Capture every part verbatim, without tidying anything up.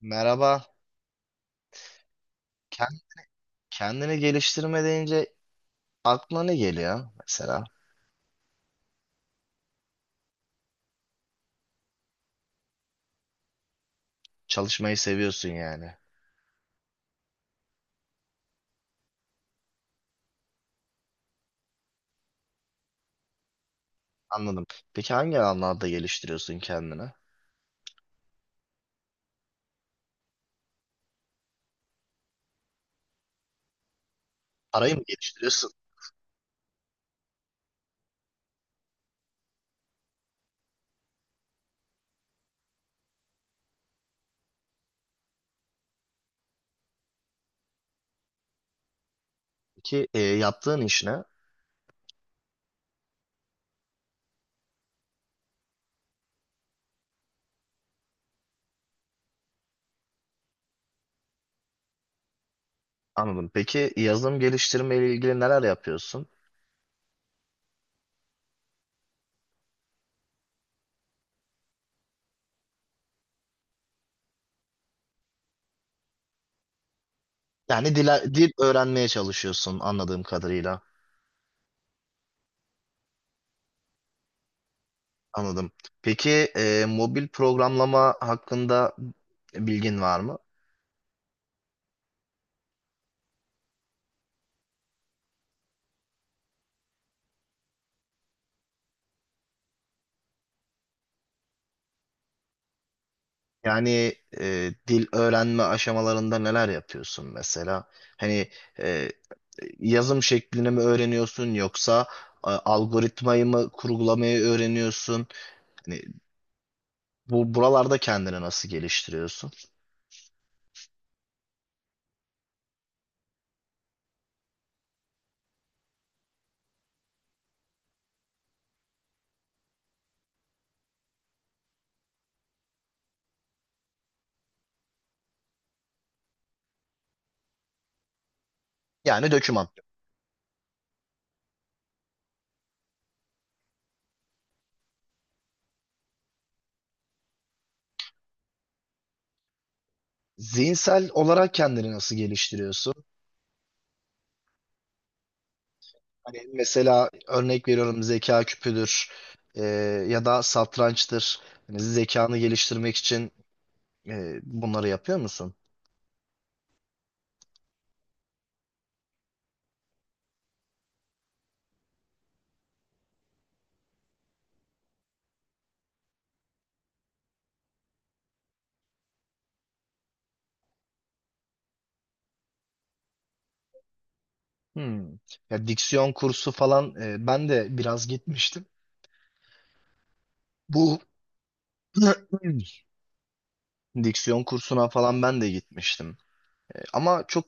Merhaba. Ken- Kendini geliştirme deyince aklına ne geliyor mesela? Çalışmayı seviyorsun yani. Anladım. Peki hangi alanlarda geliştiriyorsun kendini? Parayı mı geliştiriyorsun? Peki e, yaptığın iş ne? Anladım. Peki yazılım geliştirme ile ilgili neler yapıyorsun? Yani dil, dil öğrenmeye çalışıyorsun anladığım kadarıyla. Anladım. Peki e, mobil programlama hakkında bilgin var mı? Yani e, dil öğrenme aşamalarında neler yapıyorsun mesela? Hani e, yazım şeklini mi öğreniyorsun yoksa e, algoritmayı mı kurgulamayı öğreniyorsun? Hani bu buralarda kendini nasıl geliştiriyorsun? Yani döküman. Zihinsel olarak kendini nasıl geliştiriyorsun? Hani mesela örnek veriyorum zeka küpüdür e, ya da satrançtır. Hani zekanı geliştirmek için e, bunları yapıyor musun? Hmm. Ya diksiyon kursu falan e, ben de biraz gitmiştim. Bu diksiyon kursuna falan ben de gitmiştim. E, ama çok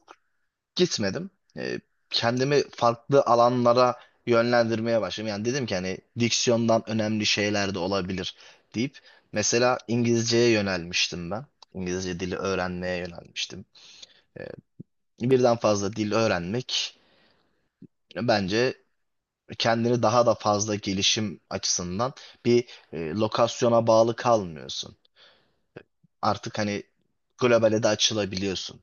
gitmedim. E, kendimi farklı alanlara yönlendirmeye başladım. Yani dedim ki hani diksiyondan önemli şeyler de olabilir deyip mesela İngilizceye yönelmiştim ben. İngilizce dili öğrenmeye yönelmiştim. E, birden fazla dil öğrenmek bence kendini daha da fazla gelişim açısından bir e, lokasyona bağlı kalmıyorsun. Artık hani globale de açılabiliyorsun.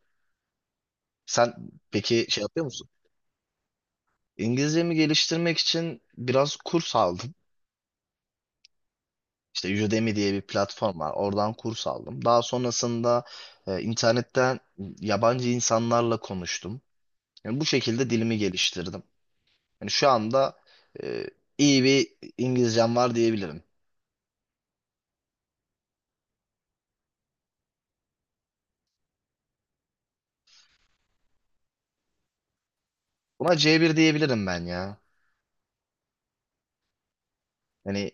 Sen peki şey yapıyor musun? İngilizcemi geliştirmek için biraz kurs aldım. İşte Udemy diye bir platform var. Oradan kurs aldım. Daha sonrasında e, internetten yabancı insanlarla konuştum. Yani bu şekilde dilimi geliştirdim. Yani şu anda e, iyi bir İngilizcem var diyebilirim. Buna C bir diyebilirim ben ya. Yani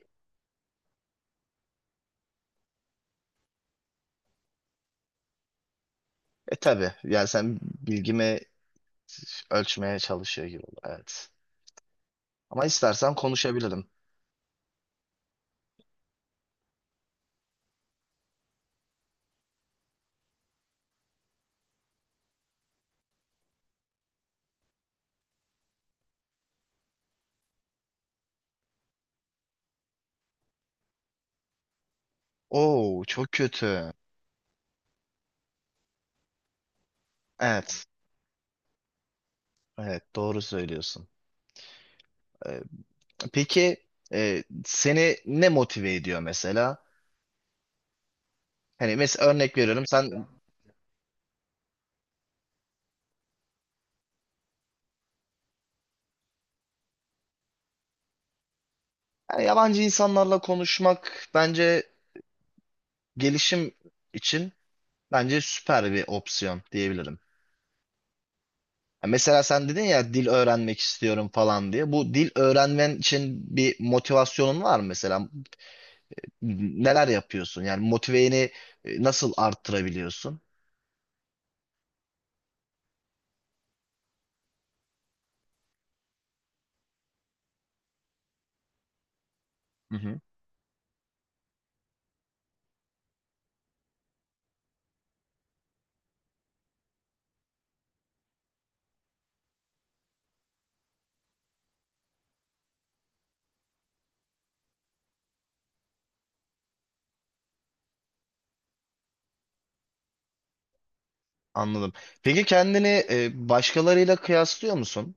E tabii yani sen bilgimi ölçmeye çalışıyor gibi oldu. Evet. Ama istersen konuşabilirim. Oo çok kötü. Evet. Evet doğru söylüyorsun. Ee, peki e, seni ne motive ediyor mesela? Hani mesela örnek veriyorum sen yani yabancı insanlarla konuşmak bence gelişim için bence süper bir opsiyon diyebilirim. Ya mesela sen dedin ya dil öğrenmek istiyorum falan diye. Bu dil öğrenmen için bir motivasyonun var mı mesela? Neler yapıyorsun? Yani motiveni e, nasıl arttırabiliyorsun? Hı hı. Anladım. Peki kendini e, başkalarıyla kıyaslıyor musun?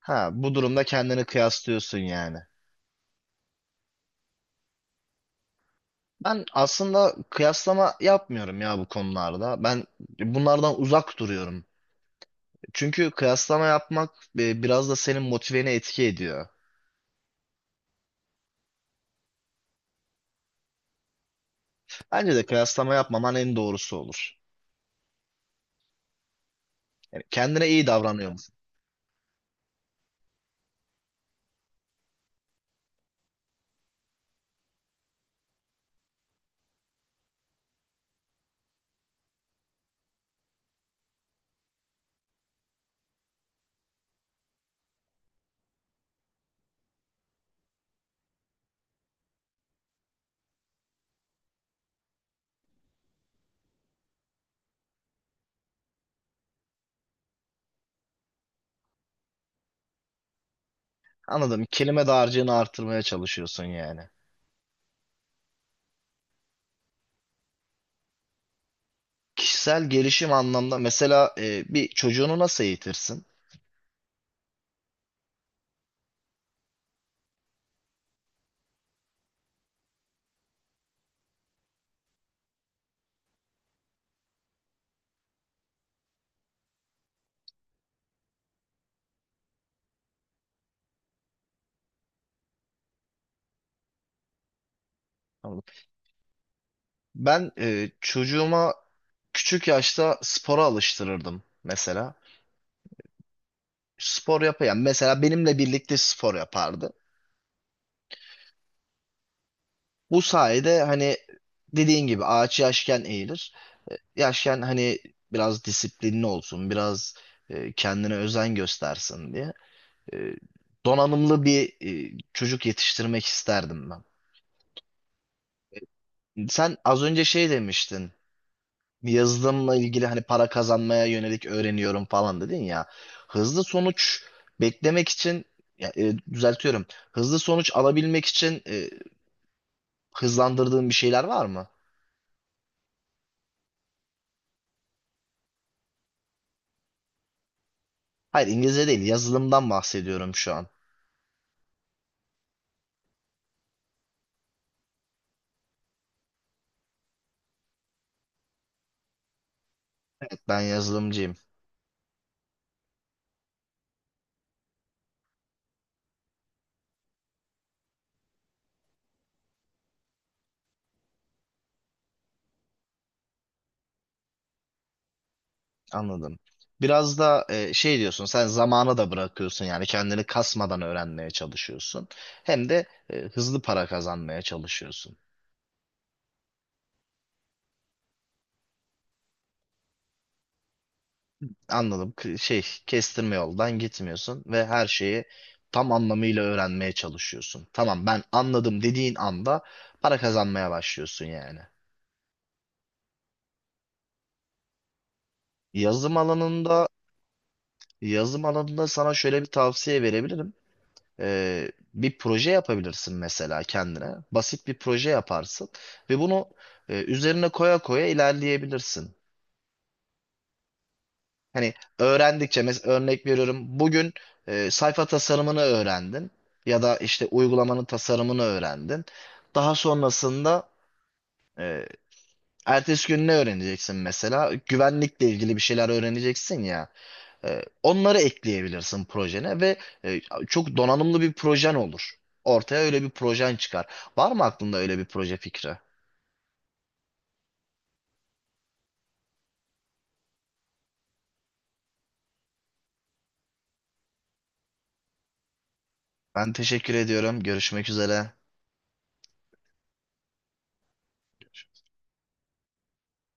Ha, bu durumda kendini kıyaslıyorsun yani. Ben aslında kıyaslama yapmıyorum ya bu konularda. Ben bunlardan uzak duruyorum. Çünkü kıyaslama yapmak e, biraz da senin motiveni etki ediyor. Bence de kıyaslama yapmaman en doğrusu olur. Yani kendine iyi davranıyor musun? Anladım. Kelime dağarcığını artırmaya çalışıyorsun yani. Kişisel gelişim anlamda mesela e, bir çocuğunu nasıl eğitirsin? Tamam. Ben e, çocuğuma küçük yaşta spora alıştırırdım mesela. Spor yapayan mesela benimle birlikte spor yapardı. Bu sayede hani dediğin gibi ağaç yaşken eğilir. Yaşken hani biraz disiplinli olsun, biraz e, kendine özen göstersin diye. E, donanımlı bir e, çocuk yetiştirmek isterdim ben. Sen az önce şey demiştin. Yazılımla ilgili hani para kazanmaya yönelik öğreniyorum falan dedin ya. Hızlı sonuç beklemek için ya, e, düzeltiyorum. Hızlı sonuç alabilmek için e, hızlandırdığın bir şeyler var mı? Hayır İngilizce değil, yazılımdan bahsediyorum şu an. Ben yazılımcıyım. Anladım. Biraz da e, şey diyorsun, sen zamana da bırakıyorsun yani kendini kasmadan öğrenmeye çalışıyorsun. Hem de e, hızlı para kazanmaya çalışıyorsun. Anladım. K- Şey, kestirme yoldan gitmiyorsun ve her şeyi tam anlamıyla öğrenmeye çalışıyorsun. Tamam, ben anladım dediğin anda para kazanmaya başlıyorsun yani. Yazım alanında yazım alanında sana şöyle bir tavsiye verebilirim. Ee, bir proje yapabilirsin mesela kendine. Basit bir proje yaparsın ve bunu e, üzerine koya koya ilerleyebilirsin. Hani öğrendikçe mesela örnek veriyorum bugün e, sayfa tasarımını öğrendin ya da işte uygulamanın tasarımını öğrendin. Daha sonrasında e, ertesi gün ne öğreneceksin mesela? Güvenlikle ilgili bir şeyler öğreneceksin ya. E, onları ekleyebilirsin projene ve e, çok donanımlı bir projen olur. Ortaya öyle bir projen çıkar. Var mı aklında öyle bir proje fikri? Ben teşekkür ediyorum. Görüşmek üzere.